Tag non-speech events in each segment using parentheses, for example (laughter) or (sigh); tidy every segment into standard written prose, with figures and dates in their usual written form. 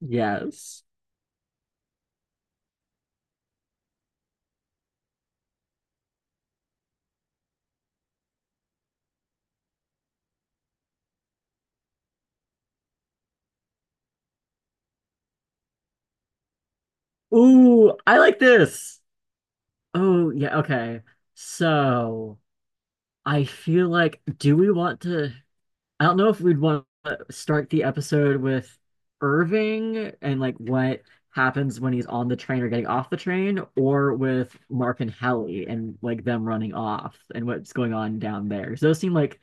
Yes. Ooh, I like this. Oh, yeah, okay. So, I feel like, do we want to? I don't know if we'd want to start the episode with Irving and like what happens when he's on the train or getting off the train, or with Mark and Hallie and like them running off and what's going on down there. 'Cause those seem like,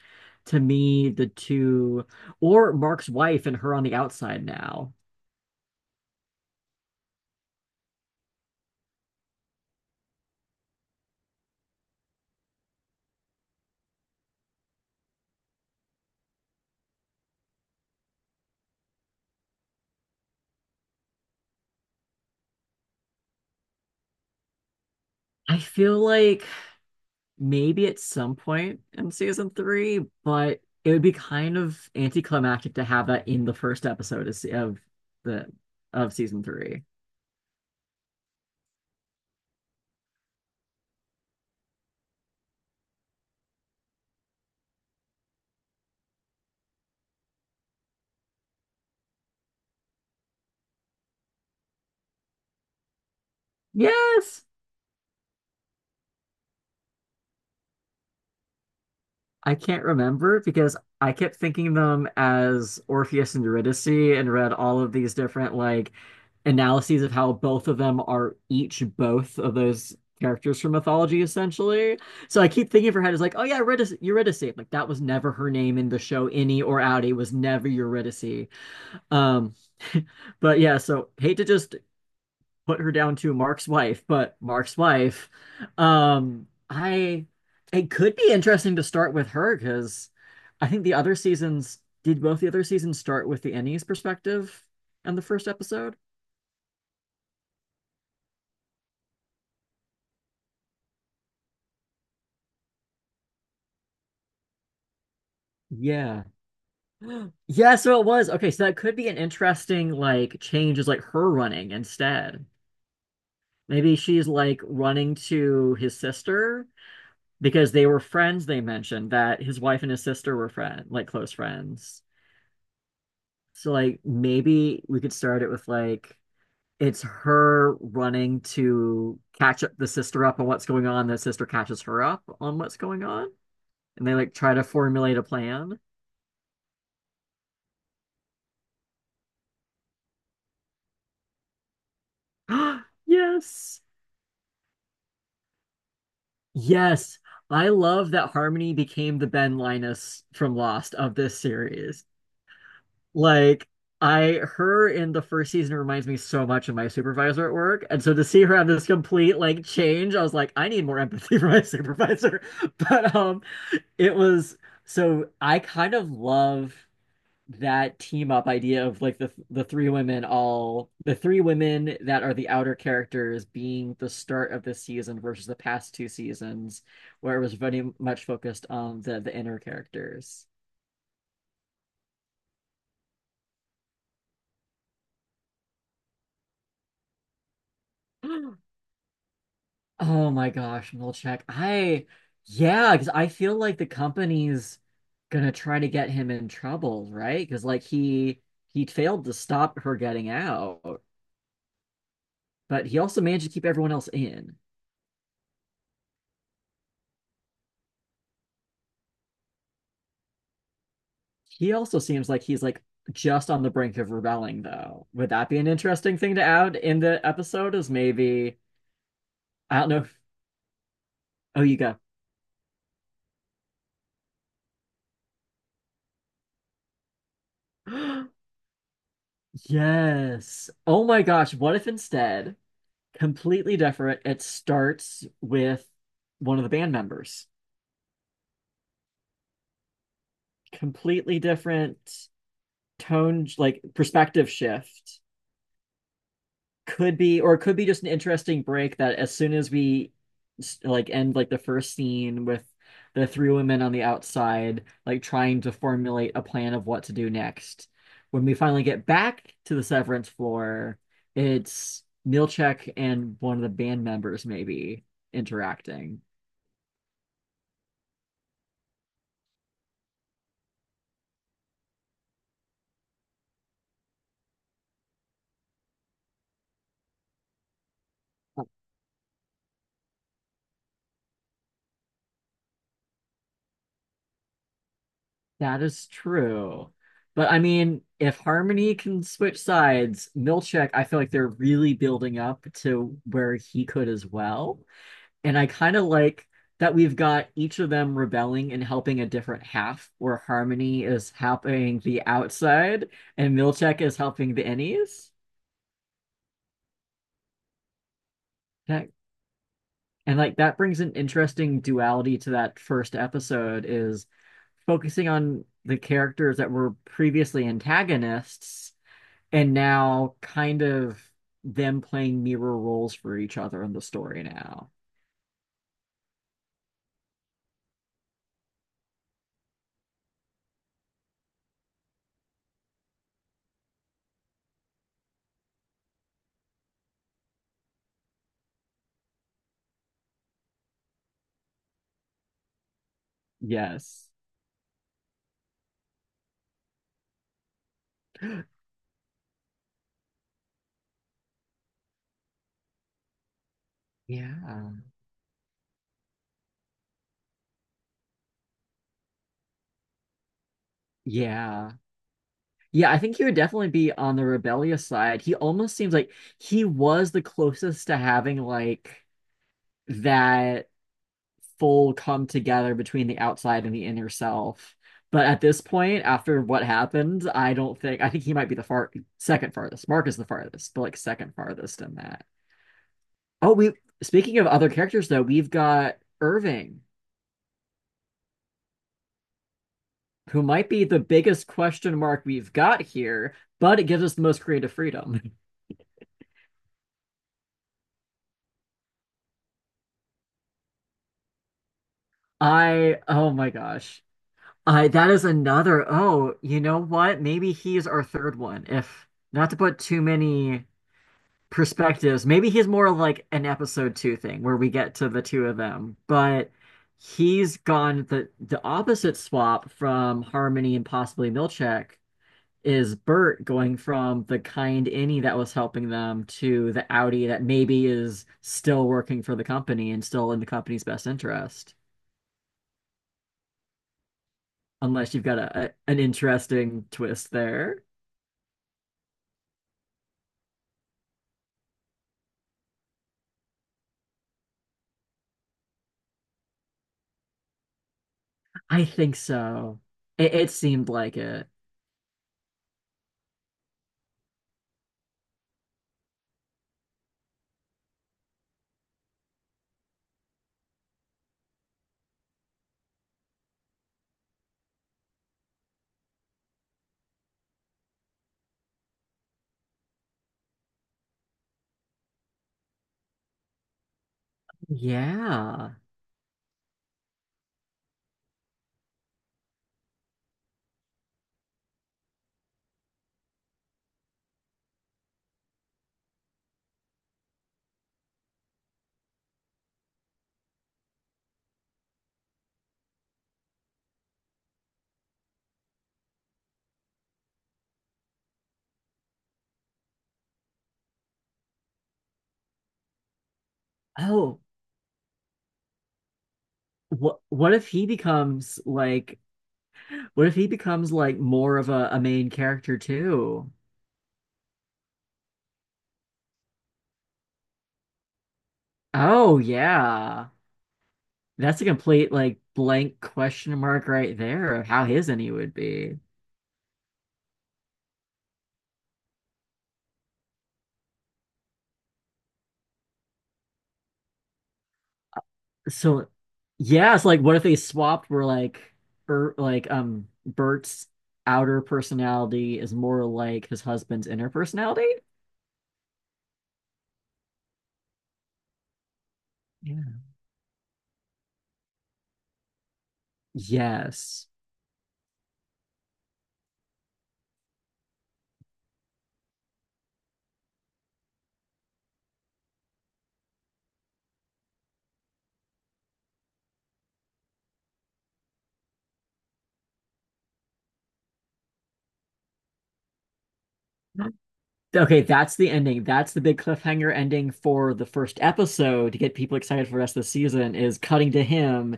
to me, the two, or Mark's wife and her on the outside now. I feel like maybe at some point in season three, but it would be kind of anticlimactic to have that in the first episode of the of season three. Yes, I can't remember because I kept thinking them as Orpheus and Eurydice and read all of these different like analyses of how both of them are each both of those characters from mythology essentially. So I keep thinking of her head is like, oh yeah, Eurydice, Eurydice. Like that was never her name in the show. Innie or Outie was never Eurydice. Um, (laughs) but yeah, so hate to just put her down to Mark's wife, but Mark's wife, I it could be interesting to start with her because I think the other seasons did, both the other seasons, start with the Ennies perspective on the first episode? Yeah. (gasps) Yeah, so it was. Okay, so that could be an interesting like change is like her running instead. Maybe she's like running to his sister because they were friends, they mentioned that his wife and his sister were friend like close friends, so like maybe we could start it with like it's her running to catch up, the sister up on what's going on, the sister catches her up on what's going on, and they like try to formulate a plan. (gasps) Yes. Yes, I love that Harmony became the Ben Linus from Lost of this series. Like, I, her in the first season reminds me so much of my supervisor at work. And so to see her have this complete like change, I was like, I need more empathy (laughs) for my supervisor. (laughs) But it was, so I kind of love that team up idea of like the three women, all the three women that are the outer characters being the start of this season versus the past two seasons where it was very much focused on the inner characters. (gasps) Oh my gosh, Milchek. Yeah, because I feel like the company's gonna try to get him in trouble, right? Because like he failed to stop her getting out, but he also managed to keep everyone else in. He also seems like he's like just on the brink of rebelling, though. Would that be an interesting thing to add in the episode? Is maybe I don't know. If, oh, you go. (gasps) Yes. Oh my gosh. What if, instead, completely different, it starts with one of the band members. Completely different tone, like perspective shift. Could be, or it could be just an interesting break that as soon as we like end like the first scene with the three women on the outside, like trying to formulate a plan of what to do next. When we finally get back to the severance floor, it's Milchek and one of the band members maybe interacting. That is true. But I mean, if Harmony can switch sides, Milchek, I feel like they're really building up to where he could as well. And I kind of like that we've got each of them rebelling and helping a different half, where Harmony is helping the outside and Milchek is helping the innies. That, and like that brings an interesting duality to that first episode is focusing on the characters that were previously antagonists. And now kind of them playing mirror roles for each other in the story now. Yes. (gasps) Yeah. Yeah. Yeah, I think he would definitely be on the rebellious side. He almost seems like he was the closest to having like that full come together between the outside and the inner self. But at this point, after what happened, I don't think I think he might be the far second farthest. Mark is the farthest, but like second farthest in that. Oh, we, speaking of other characters though, we've got Irving, who might be the biggest question mark we've got here, but it gives us the most creative freedom. (laughs) I, oh my gosh. I that is another, oh, you know what? Maybe he's our third one. If not to put too many perspectives, maybe he's more like an episode two thing where we get to the two of them, but he's gone, the opposite swap from Harmony and possibly Milchek is Bert going from the kind innie that was helping them to the Audi that maybe is still working for the company and still in the company's best interest. Unless you've got a- an interesting twist there. I think so. It seemed like it. Yeah. Oh, what if he becomes like more of a main character too? Oh yeah. That's a complete like blank question mark right there of how his any would be. So yeah, it's like what if they swapped where like Bert's outer personality is more like his husband's inner personality? Yeah. Yes. Okay, that's the ending. That's the big cliffhanger ending for the first episode to get people excited for the rest of the season is cutting to him,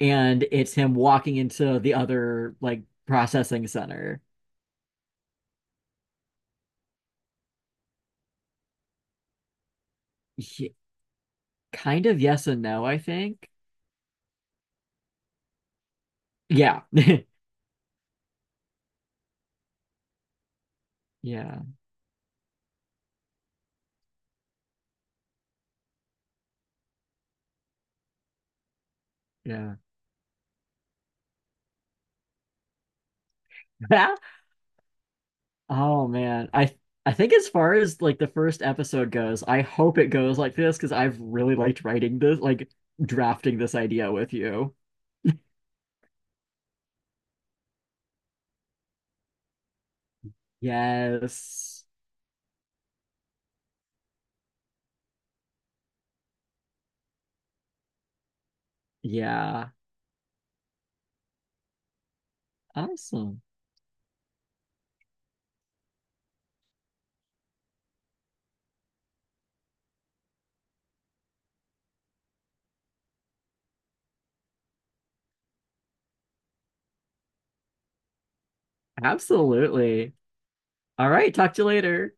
and it's him walking into the other like processing center. Yeah. Kind of yes and no, I think. Yeah. (laughs) Yeah. Yeah. (laughs) Oh man. I think as far as like the first episode goes, I hope it goes like this because I've really liked writing this, like drafting this idea with you. Yes. Yeah. Awesome. Absolutely. All right, talk to you later.